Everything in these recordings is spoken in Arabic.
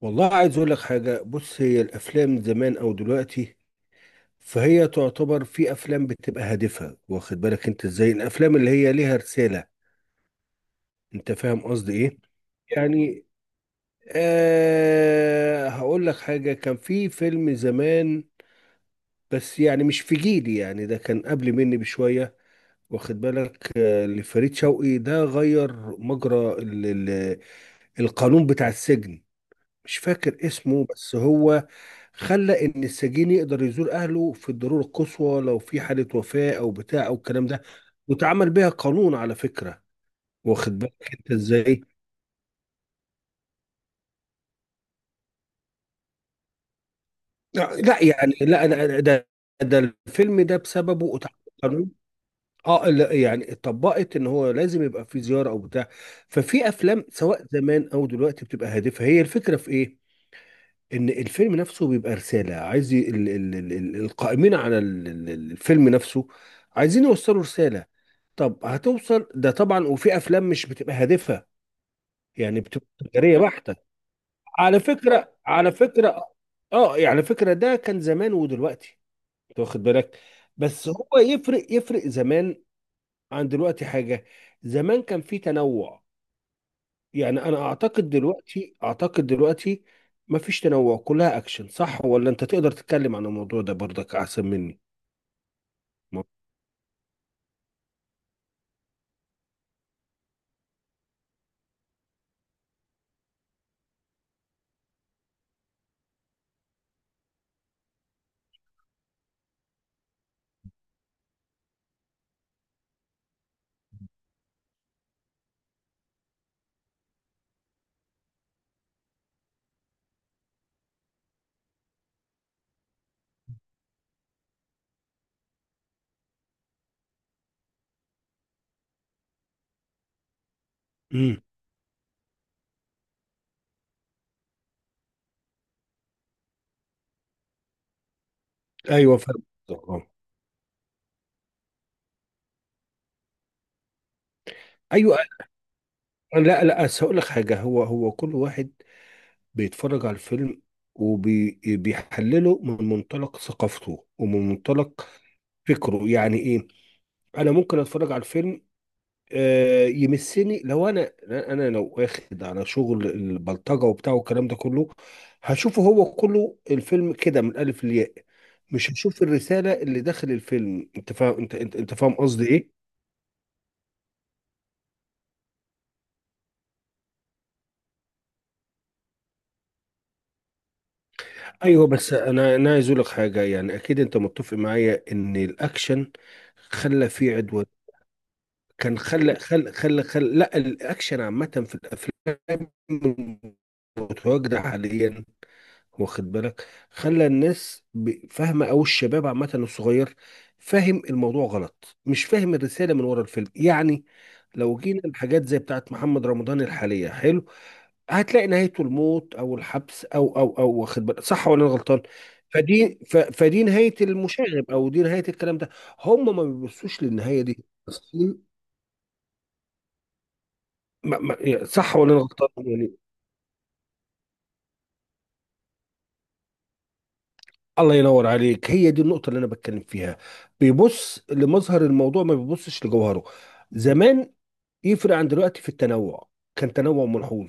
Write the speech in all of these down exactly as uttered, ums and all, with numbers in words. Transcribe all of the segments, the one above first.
والله عايز اقول لك حاجه. بص، هي الافلام زمان او دلوقتي فهي تعتبر في افلام بتبقى هادفه، واخد بالك انت ازاي؟ الافلام اللي هي ليها رساله، انت فاهم قصدي ايه؟ يعني آه، هقول لك حاجه. كان في فيلم زمان، بس يعني مش في جيلي، يعني ده كان قبل مني بشويه، واخد بالك؟ آه، لفريد شوقي. ده غير مجرى ال- ال- القانون بتاع السجن. مش فاكر اسمه، بس هو خلى ان السجين يقدر يزور اهله في الضروره القصوى، لو في حاله وفاه او بتاع او الكلام ده. واتعمل بيها قانون على فكره. واخد بالك انت ازاي؟ لا لا، يعني لا انا أنا- ده. ده الفيلم ده بسببه اتعمل قانون. اه لا، يعني اتطبقت ان هو لازم يبقى في زياره او بتاع. ففي افلام سواء زمان او دلوقتي بتبقى هادفه. هي الفكره في ايه؟ ان الفيلم نفسه بيبقى رساله. عايز ي- ال ال ال ال القائمين على ال- ال- ال- الفيلم نفسه عايزين يوصلوا رساله. طب هتوصل ده طبعا. وفي افلام مش بتبقى هادفه، يعني بتبقى تجاريه بحته. على فكره، على فكره، اه يعني على فكره، ده كان زمان ودلوقتي، انت واخد بالك؟ بس هو يفرق، يفرق زمان عن دلوقتي حاجه. زمان كان في تنوع. يعني انا اعتقد دلوقتي، اعتقد دلوقتي ما فيش تنوع، كلها اكشن. صح ولا انت تقدر تتكلم عن الموضوع ده برضك احسن مني؟ ما- امم، ايوه فاهم قصدك. آه. ايوه. لا لا، أصل هقول لك حاجه، هو هو كل واحد بيتفرج على الفيلم وبيحلله من منطلق ثقافته ومن منطلق فكره. يعني ايه؟ انا ممكن اتفرج على الفيلم، آه، يمسني لو انا انا لو واخد على شغل البلطجه وبتاع والكلام ده كله، هشوفه هو كله الفيلم كده من الالف للياء. مش هشوف الرساله اللي داخل الفيلم. انت فاهم؟ انت انت, انت فاهم قصدي ايه؟ ايوه بس انا انا عايز اقول لك حاجه، يعني اكيد انت متفق معايا ان الاكشن خلى فيه عدوان. كان خلى خلى خلى خلى لا الاكشن عامه في الافلام المتواجده حاليا، واخد بالك؟ خلى الناس ب- فاهمه، او الشباب عامه الصغير فاهم الموضوع غلط، مش فاهم الرساله من ورا الفيلم يعني. لو جينا الحاجات زي بتاعت محمد رمضان الحاليه، حلو، هتلاقي نهايته الموت او الحبس او او او واخد بالك؟ صح ولا انا غلطان؟ فدي ف- فدي نهايه المشاغب، او دي نهايه الكلام ده. هم ما بيبصوش للنهايه دي. أصل- ما ما- يعني صح ولا انا غلطان يعني؟ الله ينور عليك، هي دي النقطة اللي أنا بتكلم فيها. بيبص لمظهر الموضوع، ما بيبصش لجوهره. زمان يفرق عن دلوقتي في التنوع، كان تنوع ملحوظ.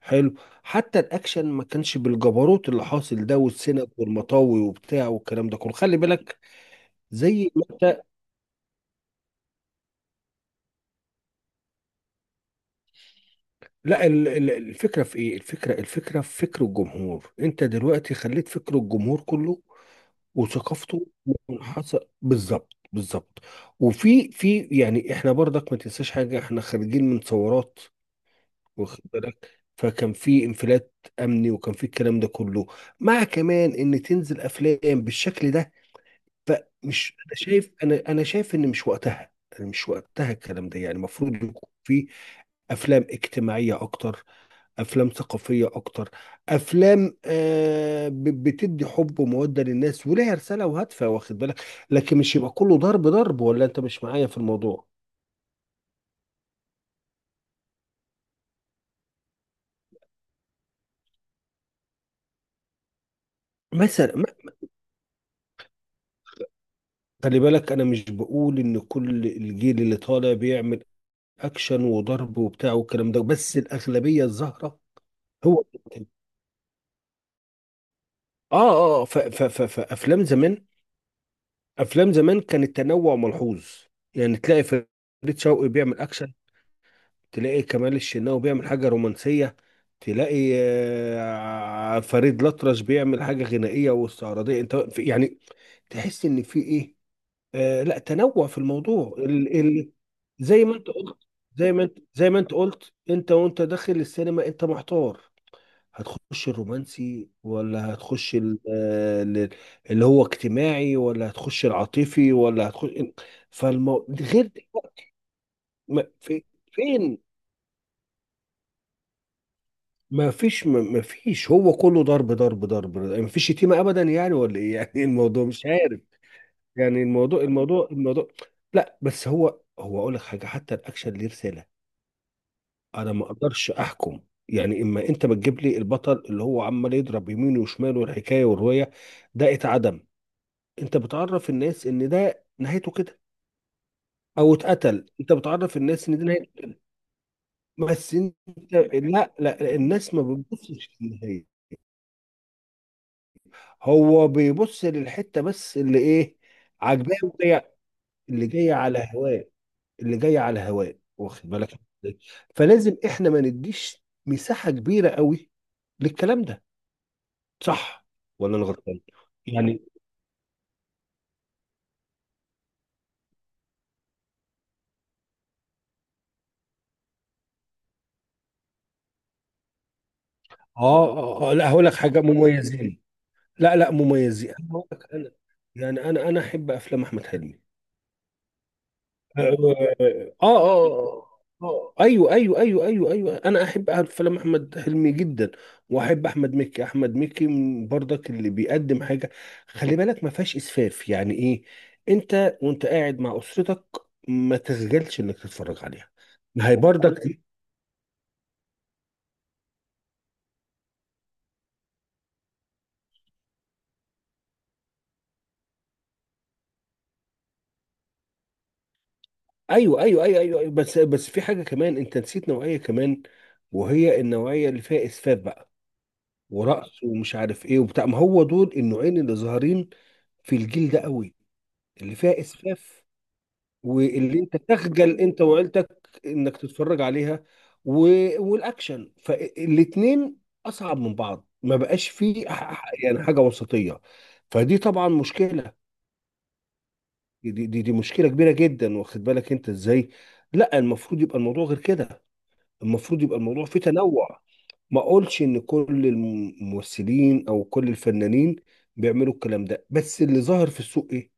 حلو. حتى الأكشن ما كانش بالجبروت اللي حاصل ده، والسنج والمطاوي وبتاع والكلام ده كله، خلي بالك. زي ما أنت. لا ال- ال- الفكرة في ايه؟ الفكرة، الفكرة في فكر الجمهور. انت دلوقتي خليت فكر الجمهور كله وثقافته منحصر. بالظبط، بالظبط. وفي في يعني احنا برضك ما تنساش حاجة، احنا خارجين من ثورات، واخد بالك؟ فكان في انفلات امني وكان في الكلام ده كله، مع كمان ان تنزل افلام بالشكل ده. فمش، انا شايف، انا انا شايف ان مش وقتها يعني، مش وقتها الكلام ده يعني. المفروض يكون في افلام اجتماعية اكتر، افلام ثقافيه اكتر، افلام آه ب- بتدي حب وموده للناس وليها رساله وهدفها، واخد بالك؟ لكن مش يبقى كله ضرب ضرب. ولا انت مش معايا في الموضوع؟ مثلا ما- خلي بالك انا مش بقول ان كل الجيل اللي طالع بيعمل اكشن وضرب وبتاع والكلام ده، بس الاغلبيه الظاهره هو. اه اه آه، ف- ف- ف- فافلام زمان، افلام زمان كان التنوع ملحوظ. يعني تلاقي فريد شوقي بيعمل اكشن، تلاقي كمال الشناوي بيعمل حاجة رومانسية، تلاقي آه، فريد الأطرش بيعمل حاجة غنائية واستعراضية. انت في- يعني تحس ان في ايه؟ آه لا، تنوع في الموضوع ال ال زي ما انت قلت، زي ما انت زي ما انت قلت، انت وانت داخل السينما انت محتار. هتخش الرومانسي ولا هتخش ال- آه، ال- اللي هو اجتماعي، ولا هتخش العاطفي، ولا هتخش. فالمو... غير دلوقتي، ما- في فين؟ ما فيش، ما ما فيش، هو كله ضرب ضرب ضرب. ما فيش شتيمة ابدا يعني ولا ايه يعني؟ الموضوع مش عارف يعني. الموضوع الموضوع الموضوع لا، بس هو، هو اقول لك حاجة، حتى الاكشن ليه رسالة. انا ما اقدرش احكم يعني. اما انت بتجيب لي البطل اللي هو عمال يضرب يمين وشمال والحكاية والرواية، ده اتعدم. انت بتعرف الناس ان ده نهايته كده، او اتقتل، انت بتعرف الناس ان دي نهايته. بس انت، لا لا لا، الناس ما بتبصش للنهاية. هو بيبص للحته بس اللي ايه؟ عاجباه وجاية- اللي جايه على هواه، اللي جايه على هواه، واخد بالك إزاي؟ فلازم احنا ما نديش مساحه كبيره قوي للكلام ده. صح ولا انا غلطان يعني؟ اه اه آه، لا هقول لك حاجه، مميزين. لا لا، مميزين. أنا هقول لك انا، يعني انا انا احب افلام احمد حلمي. اه اه اه آه، ايوه ايوه ايوه ايوه ايوه انا احب أعرف فيلم احمد حلمي جدا. واحب احمد مكي. احمد مكي من برضك اللي بيقدم حاجه، خلي بالك، ما فيهاش اسفاف. يعني ايه؟ انت وانت قاعد مع اسرتك ما تسجلش انك تتفرج عليها. ما هي برضك. ايوه ايوه ايوه ايوه, أيوة بس بس في حاجه كمان انت نسيت، نوعيه كمان، وهي النوعيه اللي فيها اسفاف بقى، ورقص ومش عارف ايه وبتاع. ما هو دول النوعين اللي ظاهرين في الجيل ده قوي، اللي فيها اسفاف، واللي انت تخجل انت وعيلتك انك تتفرج عليها و... والاكشن. فالاتنين اصعب من بعض، ما بقاش فيه ح- ح- يعني حاجه وسطيه. فدي طبعا مشكله. دي دي, دي مشكله كبيره جدا، واخد بالك انت ازاي؟ لا المفروض يبقى الموضوع غير كده. المفروض يبقى الموضوع فيه تنوع. ما اقولش ان كل الممثلين او كل الفنانين بيعملوا الكلام ده، بس اللي ظاهر في السوق ايه؟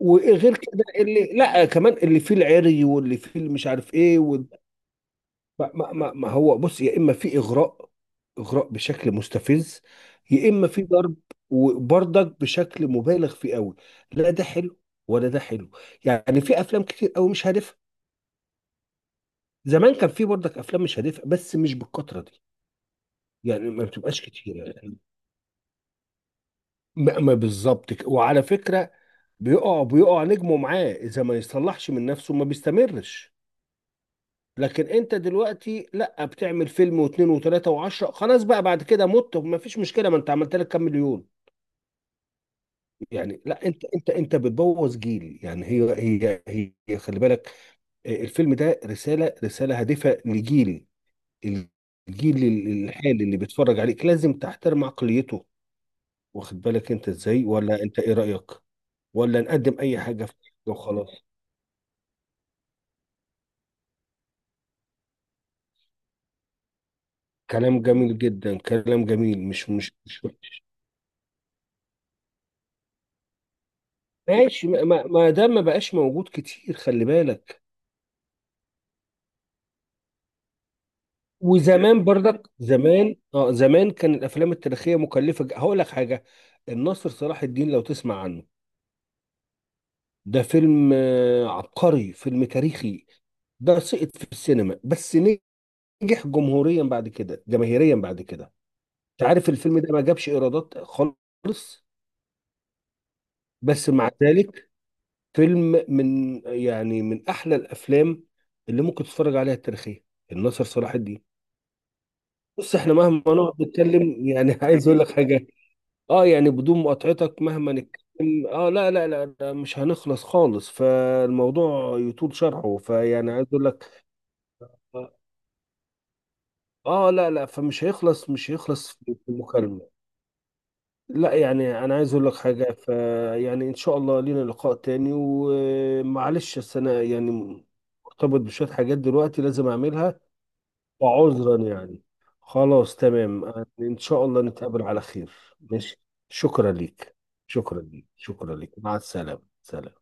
وغير كده اللي، لا كمان، اللي فيه العري واللي فيه اللي مش عارف ايه وال... ما, ما, ما ما هو بص، يا اما في اغراء، اغراء بشكل مستفز، يا اما في ضرب، وبرضك بشكل مبالغ فيه قوي. لا ده حلو ولا ده حلو. يعني في افلام كتير قوي مش هادفه. زمان كان في برضك افلام مش هادفه، بس مش بالكتره دي. يعني ما بتبقاش كتير يعني. ما, ما بالظبط كده. وعلى فكره، بيقع بيقع نجمه معاه، اذا ما يصلحش من نفسه ما بيستمرش. لكن انت دلوقتي لا، بتعمل فيلم واثنين وثلاثة وعشرة، خلاص بقى بعد كده مت، ما فيش مشكلة، ما انت عملت لك كام مليون. يعني لا، انت انت انت بتبوظ جيل يعني. هي هي هي خلي بالك، آه، الفيلم ده رسالة، رسالة هادفة لجيل. الجيل ال- الحالي اللي بيتفرج عليك لازم تحترم عقليته، واخد بالك انت ازاي؟ ولا انت ايه رأيك؟ ولا نقدم اي حاجة في- وخلاص؟ كلام جميل جدا، كلام جميل. مش مش مش ماشي. ما ما ما ده ما بقاش موجود كتير، خلي بالك. وزمان برضك زمان، اه زمان، كان الافلام التاريخيه مكلفه. ج- هقول لك حاجه، الناصر صلاح الدين، لو تسمع عنه، ده فيلم آه، عبقري. فيلم تاريخي. ده سقط في السينما بس، نجح جمهوريا بعد كده، جماهيريا بعد كده. انت عارف الفيلم ده ما جابش ايرادات خالص، بس مع ذلك فيلم من يعني من احلى الافلام اللي ممكن تتفرج عليها التاريخيه، الناصر صلاح الدين. بص احنا مهما نقعد نتكلم يعني عايز اقول لك حاجه، اه يعني بدون مقاطعتك، مهما نتكلم، اه لا لا لا لا، مش هنخلص خالص. فالموضوع يطول شرحه، فيعني عايز اقول لك، اه لا لا، فمش هيخلص، مش هيخلص في في المكالمه. لا يعني انا عايز اقول لك حاجه، فيعني ان شاء الله لينا لقاء تاني، ومعلش السنه يعني مرتبط بشويه حاجات دلوقتي لازم اعملها، وعذرا يعني. خلاص تمام، آه، ان شاء الله نتقابل على خير. ماشي، شكرا ليك شكرا ليك شكرا ليك، مع السلامة، سلام.